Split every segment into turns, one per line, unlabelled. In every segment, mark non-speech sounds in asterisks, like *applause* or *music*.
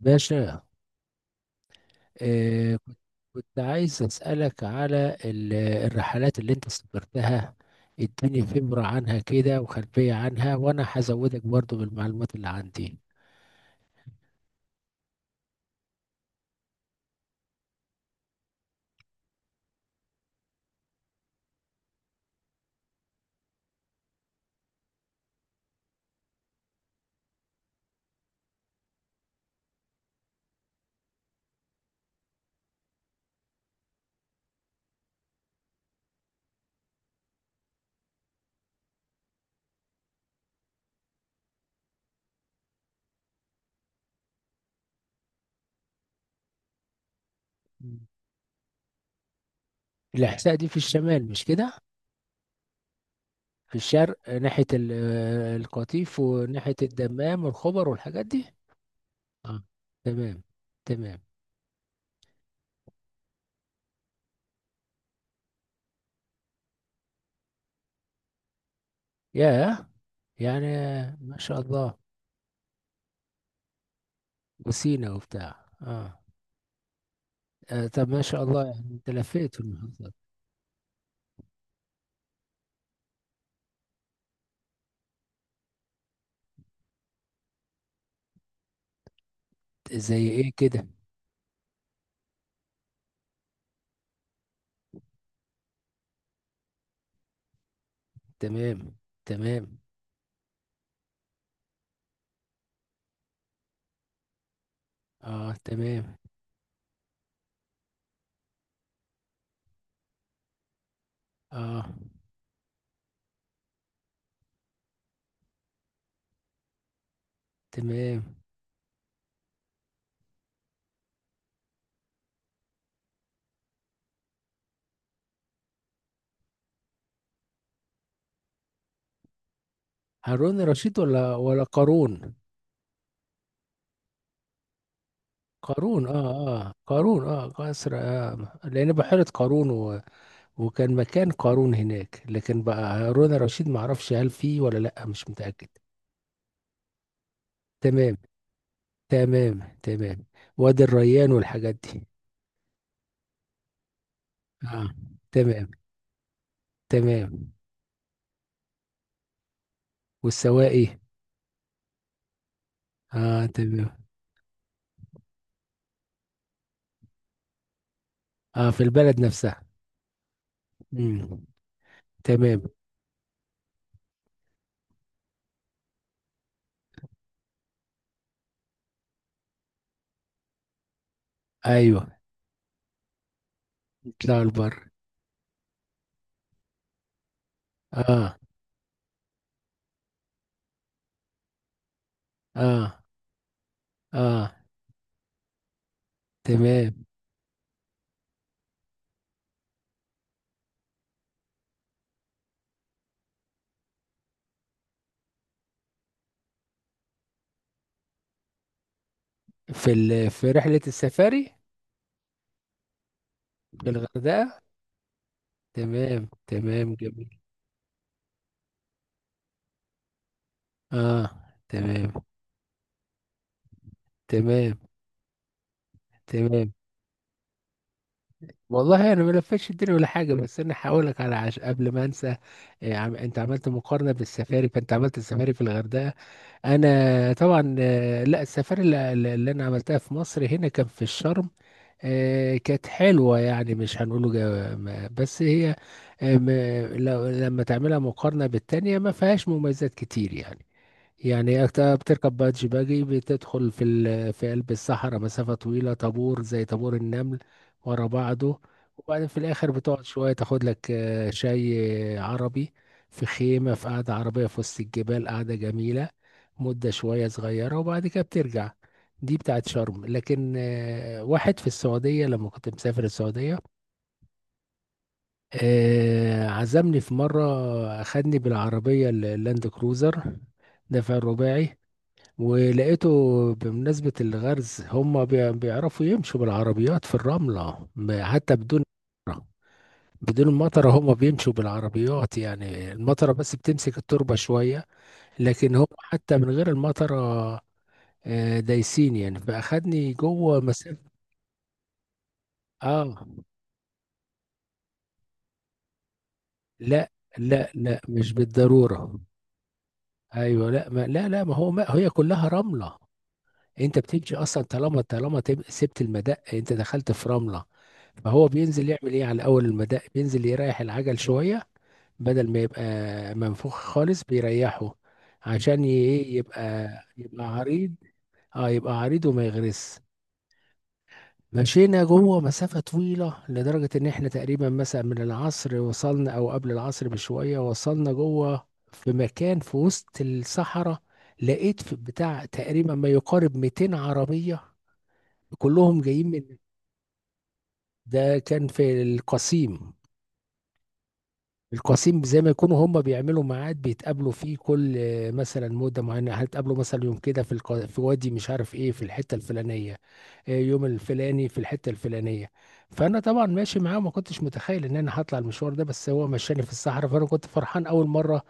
باشا. آه كنت كنت عايز أسألك على الرحلات اللي انت سافرتها. اديني فبرة عنها كده وخلفية عنها، وانا هزودك برضو بالمعلومات اللي عندي. مم. الإحساء دي في الشمال مش كده؟ في الشرق. ناحية القطيف وناحية الدمام والخبر والحاجات دي. اه تمام تمام. ياه. يعني ما شاء الله. وسينا وبتاع اه. طب ما شاء الله يعني انت لفيت المحافظات. زي ايه كده؟ تمام تمام. اه تمام. اه تمام. هارون رشيد ولا قارون؟ قارون اه. اه قارون اه قصر، لان بحيرة قارون و... وكان مكان قارون هناك، لكن بقى هارون رشيد ما اعرفش هل فيه ولا لا، مش متأكد. تمام تمام تمام. وادي الريان والحاجات دي. اه تمام تمام. والسواقي. اه تمام. اه في البلد نفسها. امم. تمام. ايوه. يطلعوا البر. اه اه اه. تمام. في في رحلة السفاري. في الغردقة. تمام تمام جميل. اه. تمام تمام تمام. والله انا ما لفتش الدنيا ولا حاجه، بس انا هقول لك على قبل ما انسى. إيه انت عملت مقارنه بالسفاري، فانت عملت السفاري في الغردقه. انا طبعا. لا، السفاري اللي انا عملتها في مصر هنا كان في الشرم. كانت حلوة يعني، مش هنقوله بس هي لو لما تعملها مقارنة بالتانية ما فيهاش مميزات كتير يعني. يعني بتركب بادج باجي، بتدخل في في قلب الصحراء مسافة طويلة، طابور زي طابور النمل ورا بعضه. وبعدين في الآخر بتقعد شوية تاخد لك شاي عربي، في خيمة في قعدة عربية في وسط الجبال، قعدة جميلة مدة شوية صغيرة، وبعد كده بترجع. دي بتاعت شرم. لكن واحد في السعودية لما كنت مسافر السعودية عزمني في مرة، أخدني بالعربية اللاند كروزر دفع الرباعي. ولقيته، بمناسبة الغرز، هم بيعرفوا يمشوا بالعربيات في الرملة حتى بدون مطرة. بدون المطرة هم بيمشوا بالعربيات، يعني المطرة بس بتمسك التربة شوية، لكن هم حتى من غير المطرة دايسين يعني. فأخدني جوه مسافة. اه لا لا لا مش بالضرورة. ايوه لا ما لا لا ما هو ما هي كلها رملة. انت بتمشي اصلا، طالما سبت المدق انت دخلت في رمله، فهو بينزل يعمل ايه، على اول المدق بينزل يريح العجل شويه، بدل ما يبقى منفوخ خالص بيريحه، عشان ايه يبقى، يبقى عريض. اه يبقى عريض وما يغرس. مشينا جوه مسافة طويلة، لدرجة إن إحنا تقريبا مثلا من العصر وصلنا، أو قبل العصر بشوية وصلنا جوه في مكان في وسط الصحراء. لقيت في بتاع تقريبا ما يقارب 200 عربية كلهم جايين من. ده كان في القصيم. القصيم زي ما يكونوا هم بيعملوا ميعاد بيتقابلوا فيه كل مثلا مدة معينة، هتقابلوا مثلا يوم كده في في وادي مش عارف ايه، في الحتة الفلانية. يوم الفلاني في الحتة الفلانية. فأنا طبعا ماشي معاه، وما كنتش متخيل إن أنا هطلع المشوار ده. بس هو مشاني في الصحراء، فأنا كنت فرحان أول مرة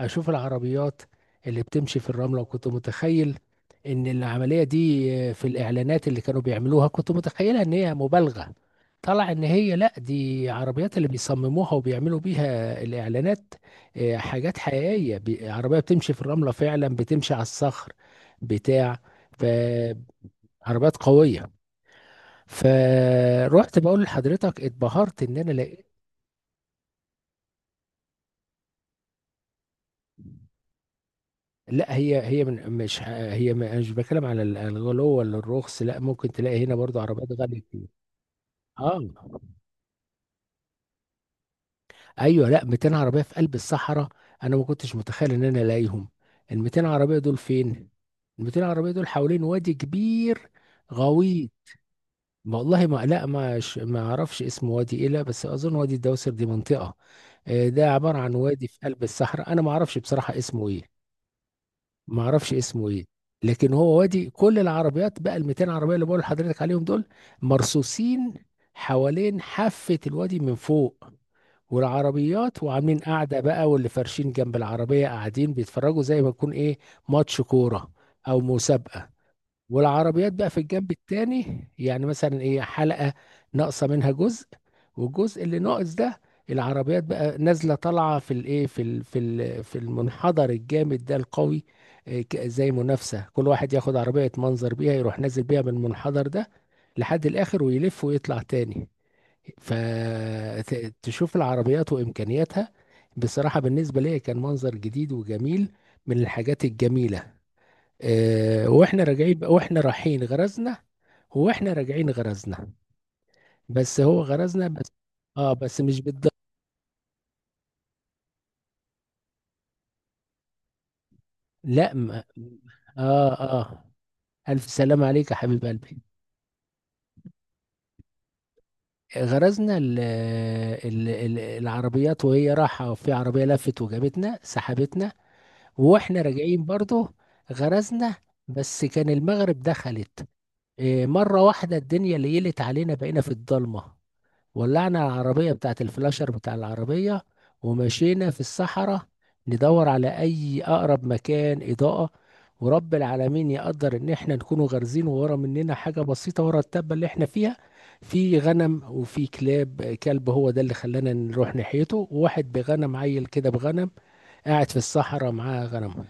أشوف العربيات اللي بتمشي في الرملة. وكنت متخيل إن العملية دي في الإعلانات اللي كانوا بيعملوها كنت متخيلها إن هي مبالغة. طلع إن هي لأ، دي عربيات اللي بيصمموها وبيعملوا بيها الإعلانات، حاجات حقيقية. عربية بتمشي في الرملة فعلا، بتمشي على الصخر بتاع. فعربيات قوية. فروحت بقول لحضرتك اتبهرت ان انا لقيت. لا هي مش ه- أنا مش بتكلم على الغلو ولا الرخص، لا ممكن تلاقي هنا برضو عربيات غاليه كتير. اه ايوه. لا 200 عربيه في قلب الصحراء، انا ما كنتش متخيل ان انا الاقيهم. ال 200 عربيه دول فين؟ ال 200 عربيه دول حوالين وادي كبير غويط. ما والله ما، لا ما ما اعرفش اسم وادي ايه، لا بس اظن وادي الدوسر دي منطقه. ده عباره عن وادي في قلب الصحراء، انا ما اعرفش بصراحه اسمه ايه. ما اعرفش اسمه ايه. لكن هو وادي كل العربيات بقى ال 200 عربيه اللي بقول لحضرتك عليهم دول مرصوصين حوالين حافه الوادي من فوق، والعربيات وعاملين قاعده بقى، واللي فارشين جنب العربيه قاعدين بيتفرجوا زي ما يكون ايه ماتش كوره او مسابقه، والعربيات بقى في الجنب التاني يعني مثلا ايه حلقة ناقصة منها جزء، والجزء اللي ناقص ده العربيات بقى نازلة طالعة في الايه في في المنحدر الجامد ده القوي، زي منافسة، كل واحد ياخد عربية يتمنظر بيها، يروح نازل بيها من المنحدر ده لحد الاخر ويلف ويطلع تاني، فتشوف العربيات وامكانياتها. بصراحة بالنسبة لي كان منظر جديد وجميل، من الحاجات الجميلة. واحنا راجعين، واحنا رايحين غرزنا، واحنا راجعين غرزنا. بس هو غرزنا بس. اه بس مش بالضبط. لا ما. اه اه الف سلام عليك يا حبيب قلبي. غرزنا ال العربيات، وهي رايحه في عربيه لفت وجابتنا سحبتنا. واحنا راجعين برضه غرزنا، بس كان المغرب دخلت، مره واحده الدنيا ليلت علينا، بقينا في الضلمه. ولعنا العربية بتاعة الفلاشر بتاع العربية، ومشينا في الصحراء ندور على أي أقرب مكان إضاءة. ورب العالمين يقدر إن إحنا نكونوا غارزين ورا مننا حاجة بسيطة ورا التبة اللي إحنا فيها، في غنم وفي كلاب، كلب هو ده اللي خلانا نروح ناحيته، وواحد بغنم عيل كده بغنم قاعد في الصحراء معاه غنم.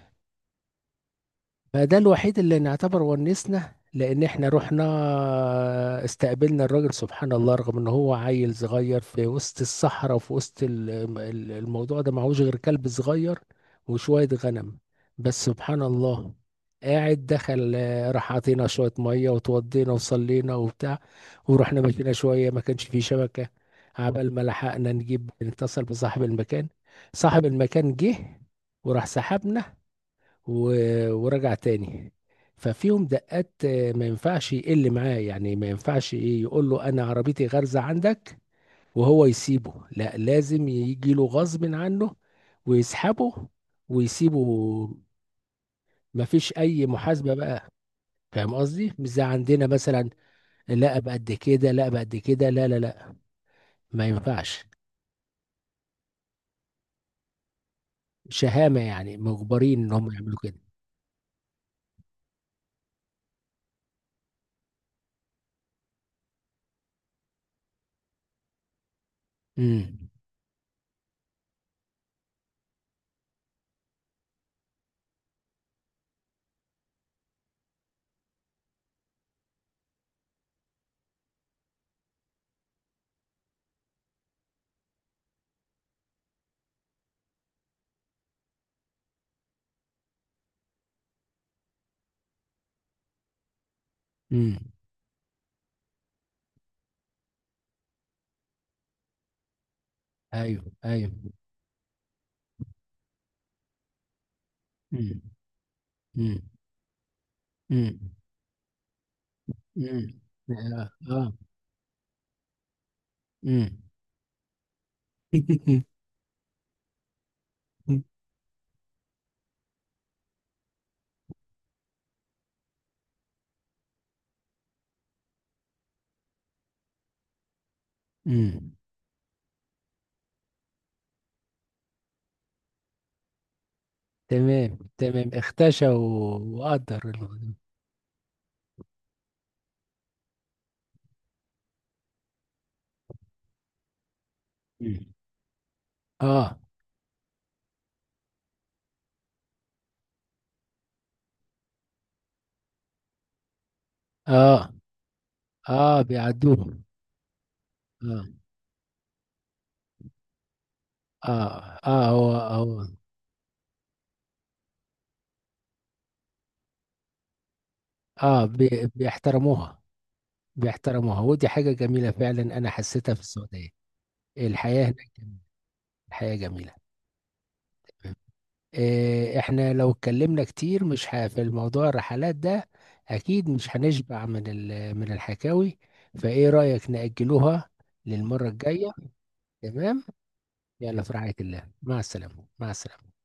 فده الوحيد اللي نعتبر ونسنا، لان احنا رحنا استقبلنا الراجل. سبحان الله، رغم ان هو عيل صغير في وسط الصحراء، وفي وسط الموضوع ده، معهوش غير كلب صغير وشوية غنم، بس سبحان الله قاعد دخل. راح عطينا شوية مية وتوضينا وصلينا وبتاع، ورحنا مشينا شوية. ما كانش فيه شبكة عبال ما لحقنا نجيب نتصل بصاحب المكان. صاحب المكان جه، وراح سحبنا ورجع تاني. ففيهم دقات، ما ينفعش يقل معاه، يعني ما ينفعش ايه، يقول له انا عربيتي غارزة عندك وهو يسيبه، لا لازم يجي له غصب عنه ويسحبه ويسيبه. مفيش اي محاسبة بقى. فاهم قصدي؟ مش زي عندنا مثلا، لا بقد كده لا بقد كده لا لا لا، ما ينفعش. شهامة يعني، مجبرين ان هم يعملوا كده. امم امم ايوه ايوه امم امم امم. امم اه اه امم *laughs* امم تمام تمام اختشى وقدر الموضوع. مم. اه اه اه بيعدوه. اه اه اه هو هو. اه بيحترموها. بيحترموها، ودي حاجة جميلة فعلا، انا حسيتها في السعودية. الحياة هناك جميلة. الحياة جميلة. احنا لو اتكلمنا كتير مش في الموضوع الرحلات ده اكيد مش هنشبع من من الحكاوي، فايه رأيك نأجلوها للمرة الجاية. تمام. يلا في رعاية الله، مع السلامة مع السلامة.